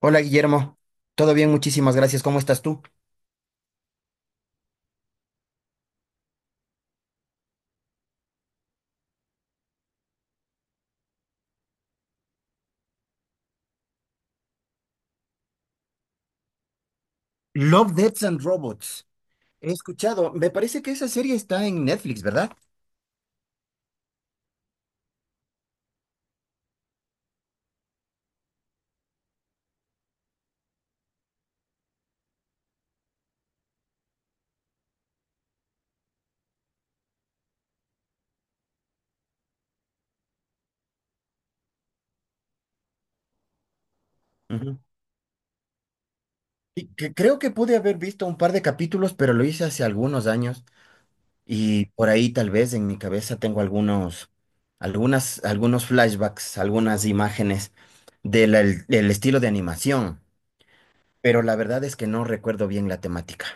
Hola Guillermo, todo bien, muchísimas gracias. ¿Cómo estás tú? Love, Deaths and Robots. He escuchado, me parece que esa serie está en Netflix, ¿verdad? Ujú. Y que creo que pude haber visto un par de capítulos, pero lo hice hace algunos años y por ahí tal vez en mi cabeza tengo algunos, algunas, algunos flashbacks, algunas imágenes del estilo de animación, pero la verdad es que no recuerdo bien la temática.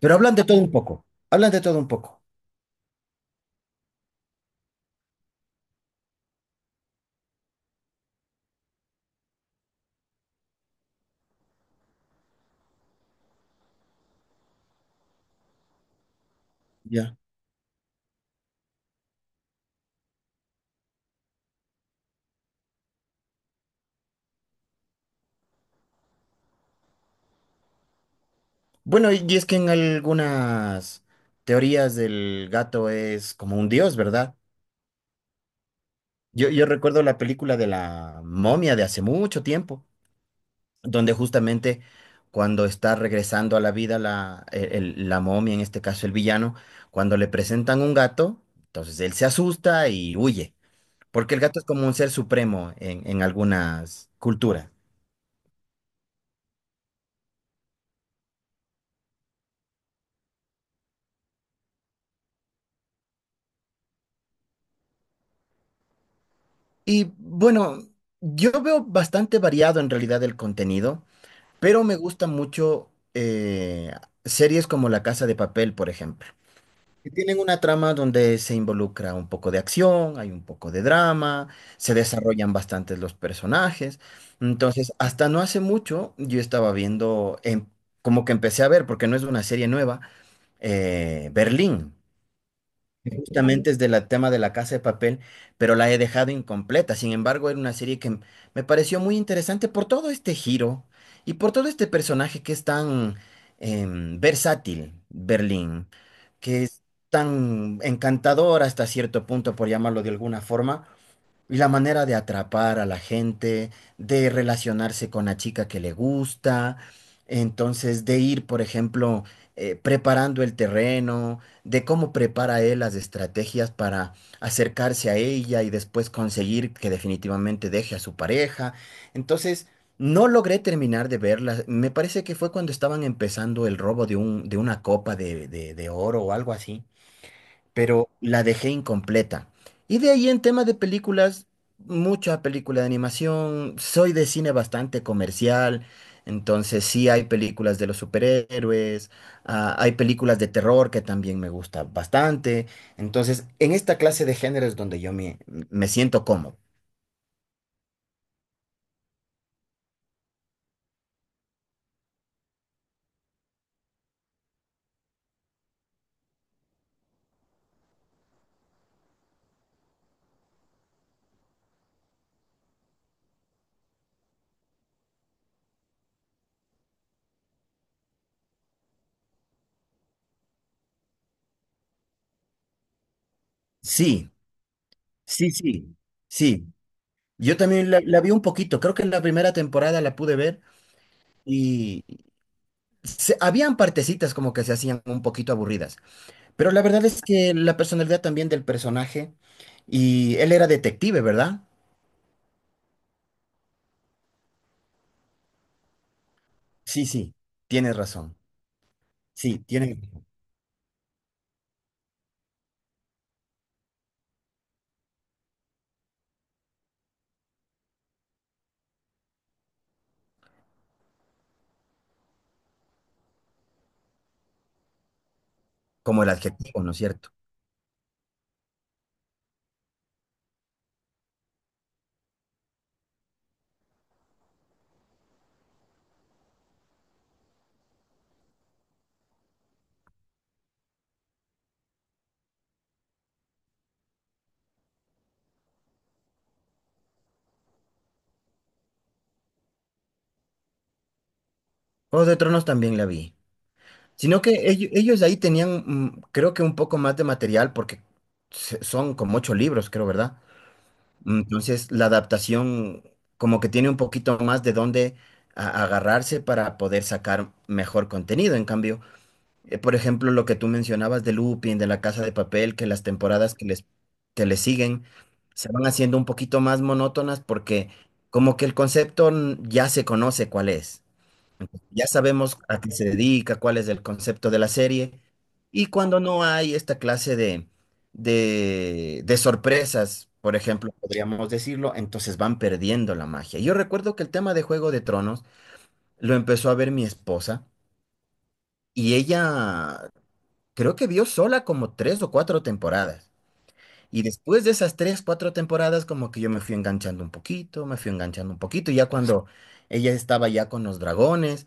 Pero hablan de todo un poco, hablan de todo un poco. Bueno, y es que en algunas teorías del gato es como un dios, ¿verdad? Yo recuerdo la película de la momia de hace mucho tiempo, donde justamente cuando está regresando a la vida la momia, en este caso el villano, cuando le presentan un gato, entonces él se asusta y huye, porque el gato es como un ser supremo en algunas culturas. Y bueno, yo veo bastante variado en realidad el contenido. Pero me gusta mucho series como La Casa de Papel, por ejemplo, que tienen una trama donde se involucra un poco de acción, hay un poco de drama, se desarrollan bastantes los personajes. Entonces, hasta no hace mucho yo estaba viendo. Como que empecé a ver, porque no es una serie nueva, Berlín, que justamente es del tema de la casa de papel, pero la he dejado incompleta. Sin embargo, era una serie que me pareció muy interesante por todo este giro y por todo este personaje que es tan versátil, Berlín, que es tan encantador hasta cierto punto, por llamarlo de alguna forma, y la manera de atrapar a la gente, de relacionarse con la chica que le gusta, entonces de ir, por ejemplo, preparando el terreno, de cómo prepara él las estrategias para acercarse a ella y después conseguir que definitivamente deje a su pareja. Entonces, no logré terminar de verla. Me parece que fue cuando estaban empezando el robo de una copa de, de oro o algo así, pero la dejé incompleta. Y de ahí en tema de películas, mucha película de animación, soy de cine bastante comercial, entonces sí hay películas de los superhéroes, ah, hay películas de terror que también me gusta bastante, entonces en esta clase de géneros donde me siento cómodo. Sí, sí, sí, sí. Yo también la vi un poquito, creo que en la primera temporada la pude ver y habían partecitas como que se hacían un poquito aburridas. Pero la verdad es que la personalidad también del personaje, y él era detective, ¿verdad? Sí, sí, tienes razón. Sí, tiene como el adjetivo, ¿no es cierto? Juego de Tronos también la vi. Sino que ellos, ahí tenían, mm, creo que un poco más de material, porque son como 8 libros, creo, ¿verdad? Entonces, la adaptación como que tiene un poquito más de dónde agarrarse para poder sacar mejor contenido. En cambio, eh, por ejemplo, lo que tú mencionabas de Lupin, de La Casa de Papel, que las temporadas que le siguen se van haciendo un poquito más monótonas porque como que el concepto ya se conoce cuál es. Ya sabemos a qué se dedica, cuál es el concepto de la serie. Y cuando no hay esta clase de sorpresas, por ejemplo, podríamos decirlo, entonces van perdiendo la magia. Yo recuerdo que el tema de Juego de Tronos lo empezó a ver mi esposa. Y ella creo que vio sola como tres o cuatro temporadas. Y después de esas tres, cuatro temporadas, como que yo me fui enganchando un poquito, me fui enganchando un poquito, ya cuando ella estaba ya con los dragones.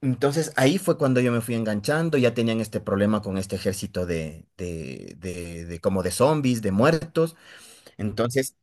Entonces ahí fue cuando yo me fui enganchando, ya tenían este problema con este ejército de como de zombies, de muertos. Entonces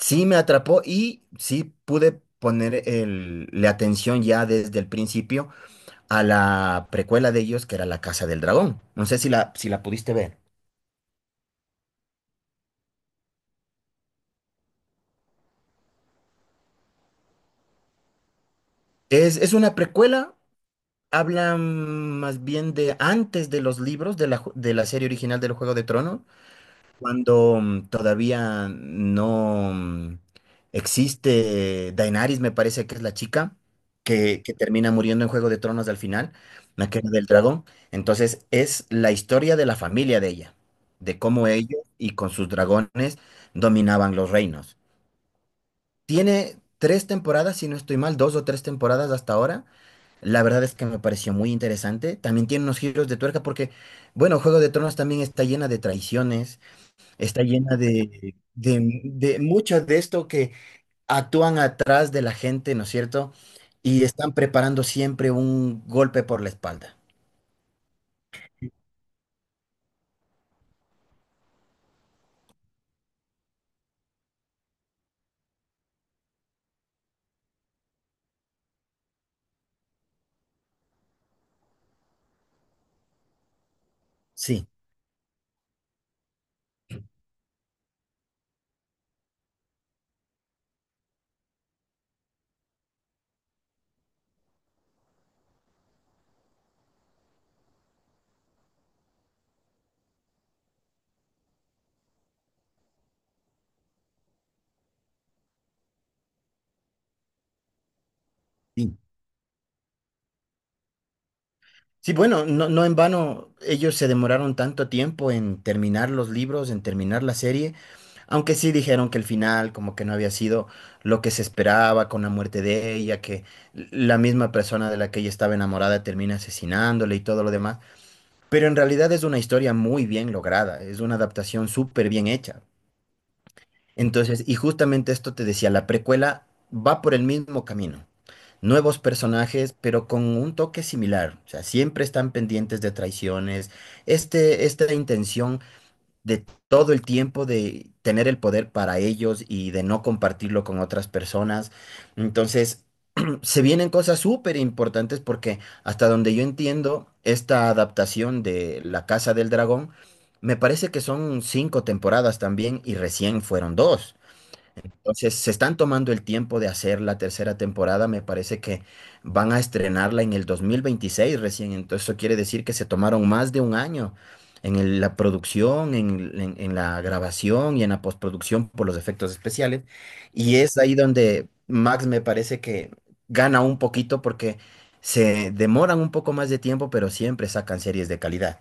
sí me atrapó y sí pude poner la atención ya desde el principio a la precuela de ellos, que era La Casa del Dragón. No sé si la pudiste ver. Es una precuela, habla más bien de antes de los libros de de la serie original del Juego de Tronos, cuando mm, todavía no mm, existe Daenerys, me parece que es la chica que termina muriendo en Juego de Tronos al final, la que era del dragón. Entonces es la historia de la familia de ella, de cómo ellos y con sus dragones dominaban los reinos. Tiene tres temporadas, si no estoy mal, dos o tres temporadas hasta ahora. La verdad es que me pareció muy interesante. También tiene unos giros de tuerca porque, bueno, Juego de Tronos también está llena de traiciones, está llena de mucho de esto que actúan atrás de la gente, ¿no es cierto? Y están preparando siempre un golpe por la espalda. Sí. Sí. Sí, bueno, no, no en vano ellos se demoraron tanto tiempo en terminar los libros, en terminar la serie, aunque sí dijeron que el final como que no había sido lo que se esperaba con la muerte de ella, que la misma persona de la que ella estaba enamorada termina asesinándole y todo lo demás, pero en realidad es una historia muy bien lograda, es una adaptación súper bien hecha. Entonces, y justamente esto te decía, la precuela va por el mismo camino. Nuevos personajes, pero con un toque similar. O sea, siempre están pendientes de traiciones. Esta intención de todo el tiempo de tener el poder para ellos y de no compartirlo con otras personas. Entonces, se vienen cosas súper importantes porque hasta donde yo entiendo, esta adaptación de La Casa del Dragón, me parece que son 5 temporadas también y recién fueron dos. Entonces, se están tomando el tiempo de hacer la tercera temporada. Me parece que van a estrenarla en el 2026 recién. Entonces, eso quiere decir que se tomaron más de un año en la producción, en la grabación y en la postproducción por los efectos especiales. Y es ahí donde Max me parece que gana un poquito porque se demoran un poco más de tiempo, pero siempre sacan series de calidad.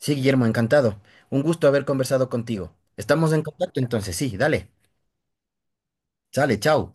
Sí, Guillermo, encantado. Un gusto haber conversado contigo. Estamos en contacto entonces. Sí, dale. Sale, chao.